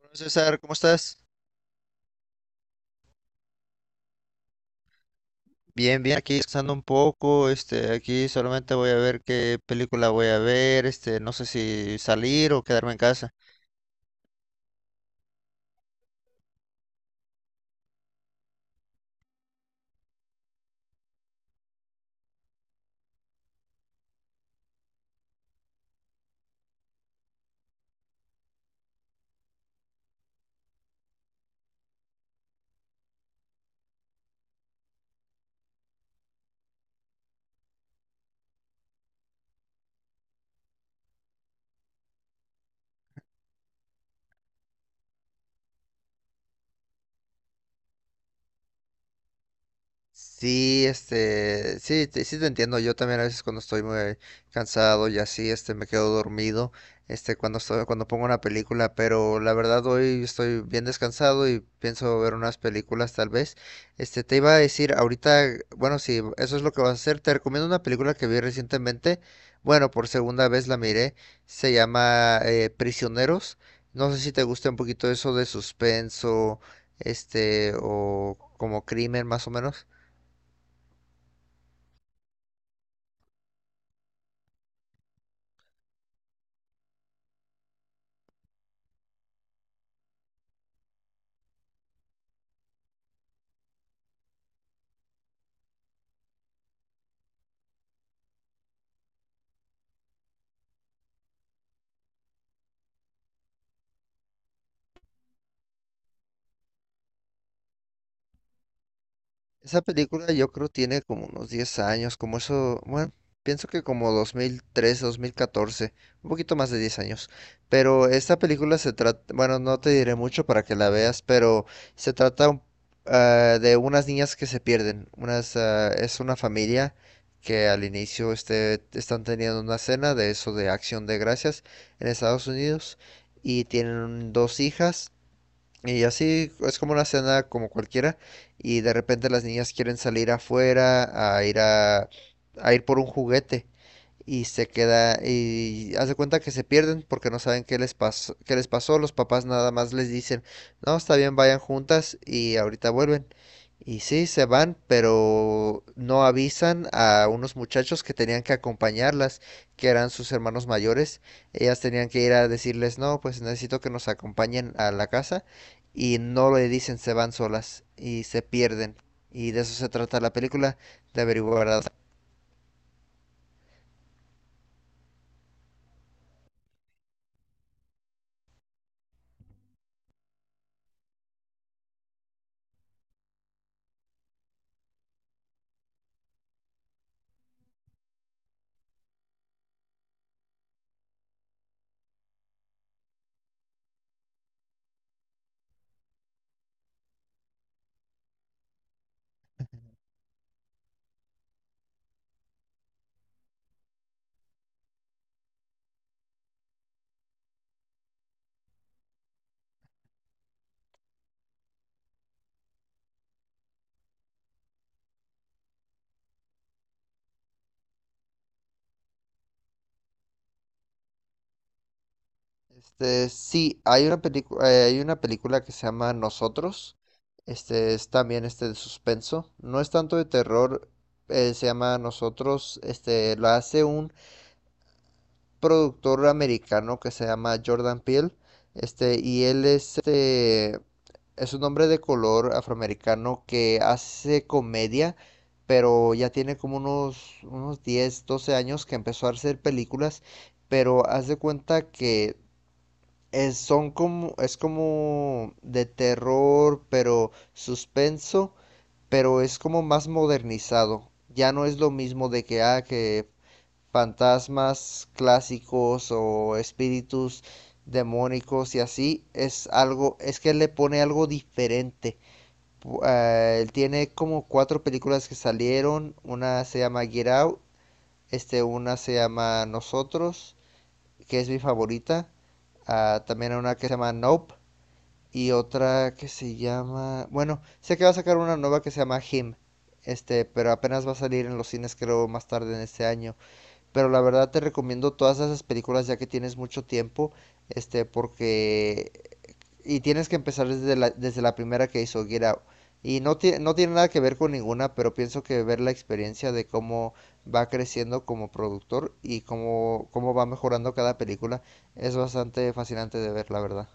Hola, César, ¿cómo estás? Bien, bien, aquí descansando un poco, aquí solamente voy a ver qué película voy a ver, no sé si salir o quedarme en casa. Sí, sí, sí te entiendo. Yo también a veces cuando estoy muy cansado y así, me quedo dormido, cuando estoy, cuando pongo una película, pero la verdad hoy estoy bien descansado y pienso ver unas películas tal vez. Te iba a decir ahorita, bueno, si eso es lo que vas a hacer, te recomiendo una película que vi recientemente. Bueno, por segunda vez la miré. Se llama Prisioneros. No sé si te gusta un poquito eso de suspenso, o como crimen más o menos. Esa película yo creo tiene como unos 10 años, como eso, bueno, pienso que como 2003 2014 un poquito más de 10 años. Pero esta película se trata, bueno, no te diré mucho para que la veas, pero se trata un- ah, de unas niñas que se pierden. Es una familia que al inicio están teniendo una cena de eso de Acción de Gracias en Estados Unidos y tienen dos hijas. Y así es como una cena como cualquiera y de repente las niñas quieren salir afuera a ir a ir por un juguete y se queda y hace cuenta que se pierden porque no saben qué les pasó, los papás nada más les dicen, "No, está bien, vayan juntas y ahorita vuelven." Y sí, se van, pero no avisan a unos muchachos que tenían que acompañarlas, que eran sus hermanos mayores. Ellas tenían que ir a decirles, no, pues necesito que nos acompañen a la casa y no le dicen se van solas y se pierden. Y de eso se trata la película, de averiguar, verdad. Sí, hay una película, que se llama Nosotros. Este es también de suspenso. No es tanto de terror, se llama Nosotros. Lo hace un productor americano que se llama Jordan Peele, y él es, es un hombre de color afroamericano que hace comedia, pero ya tiene como unos 10 12 años que empezó a hacer películas, pero haz de cuenta que es, son como, es como de terror, pero suspenso, pero es como más modernizado. Ya no es lo mismo de que, que fantasmas clásicos o espíritus demónicos y así, es algo, es que le pone algo diferente. Él tiene como cuatro películas que salieron, una se llama Get Out, una se llama Nosotros, que es mi favorita, también una que se llama Nope y otra que se llama, bueno, sé que va a sacar una nueva que se llama Him, pero apenas va a salir en los cines creo más tarde en este año. Pero la verdad te recomiendo todas esas películas ya que tienes mucho tiempo, porque... Y tienes que empezar desde desde la primera que hizo, Get Out. Y no, no tiene nada que ver con ninguna, pero pienso que ver la experiencia de cómo va creciendo como productor y cómo va mejorando cada película es bastante fascinante de ver, la verdad.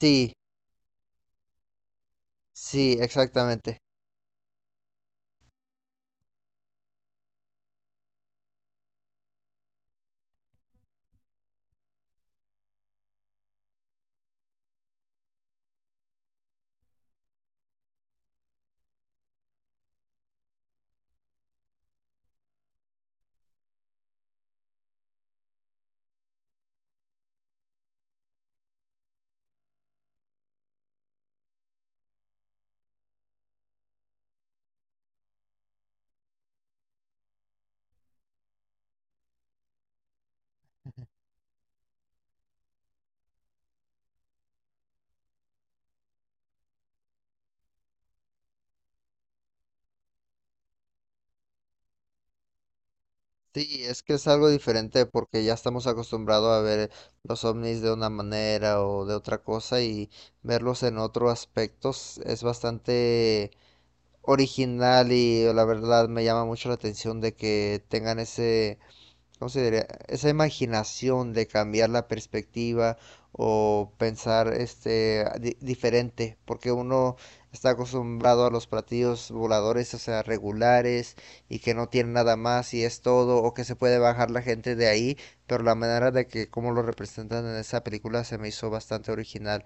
Sí, sí, exactamente. Sí, es que es algo diferente porque ya estamos acostumbrados a ver los ovnis de una manera o de otra cosa y verlos en otros aspectos es bastante original y la verdad me llama mucho la atención de que tengan ese. ¿Cómo se diría? Esa imaginación de cambiar la perspectiva o pensar diferente, porque uno está acostumbrado a los platillos voladores, o sea, regulares y que no tienen nada más y es todo, o que se puede bajar la gente de ahí, pero la manera de que cómo lo representan en esa película se me hizo bastante original.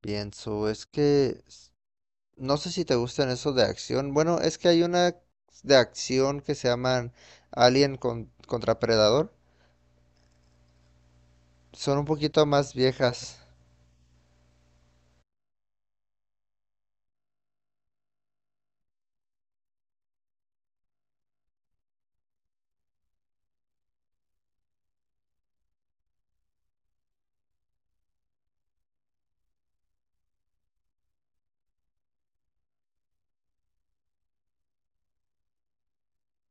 Pienso, es que no sé si te gustan esos de acción. Bueno, es que hay una de acción que se llaman Alien contra Predador. Son un poquito más viejas.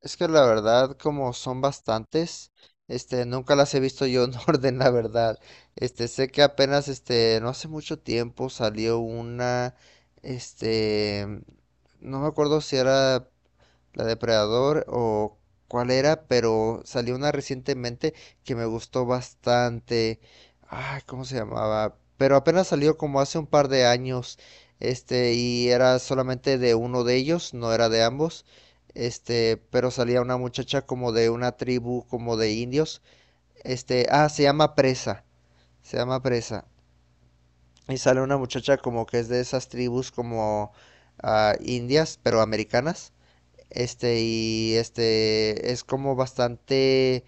Es que la verdad, como son bastantes, nunca las he visto yo en orden, la verdad. Sé que apenas, no hace mucho tiempo salió una, este, no me acuerdo si era La Depredador o cuál era, pero salió una recientemente que me gustó bastante. Ay, ¿cómo se llamaba? Pero apenas salió como hace un par de años. Y era solamente de uno de ellos, no era de ambos. Pero salía una muchacha como de una tribu, como de indios. Se llama Presa. Se llama Presa. Y sale una muchacha como que es de esas tribus como indias, pero americanas. Es como bastante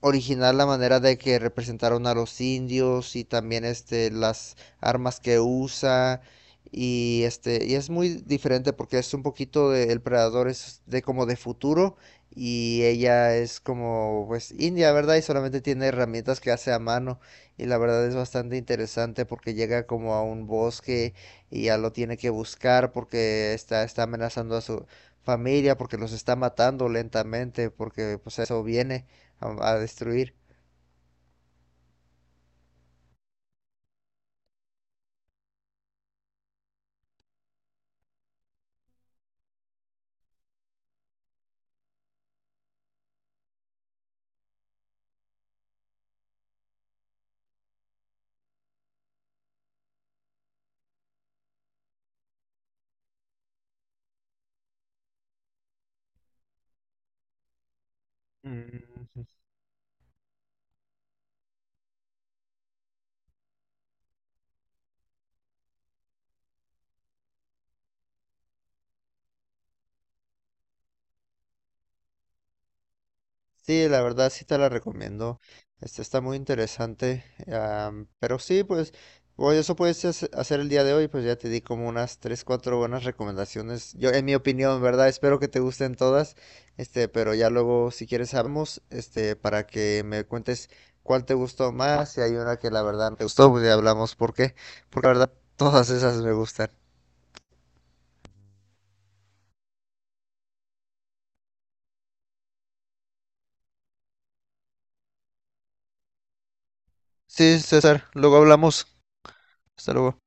original la manera de que representaron a los indios y también las armas que usa y y es muy diferente porque es un poquito de el predador es de como de futuro y ella es como pues india, ¿verdad? Y solamente tiene herramientas que hace a mano y la verdad es bastante interesante porque llega como a un bosque y ya lo tiene que buscar porque está amenazando a su familia porque los está matando lentamente porque pues a eso viene a destruir. Mm, Sí, la verdad sí te la recomiendo. Este está muy interesante. Pero sí, pues, bueno eso puedes hacer el día de hoy. Pues ya te di como unas 3 4 buenas recomendaciones. Yo, en mi opinión, ¿verdad? Espero que te gusten todas. Pero ya luego, si quieres, hablamos, para que me cuentes cuál te gustó más. Si hay una que la verdad no te gustó, pues ya hablamos por qué. Porque la verdad, todas esas me gustan. Sí, César, luego hablamos. Hasta luego.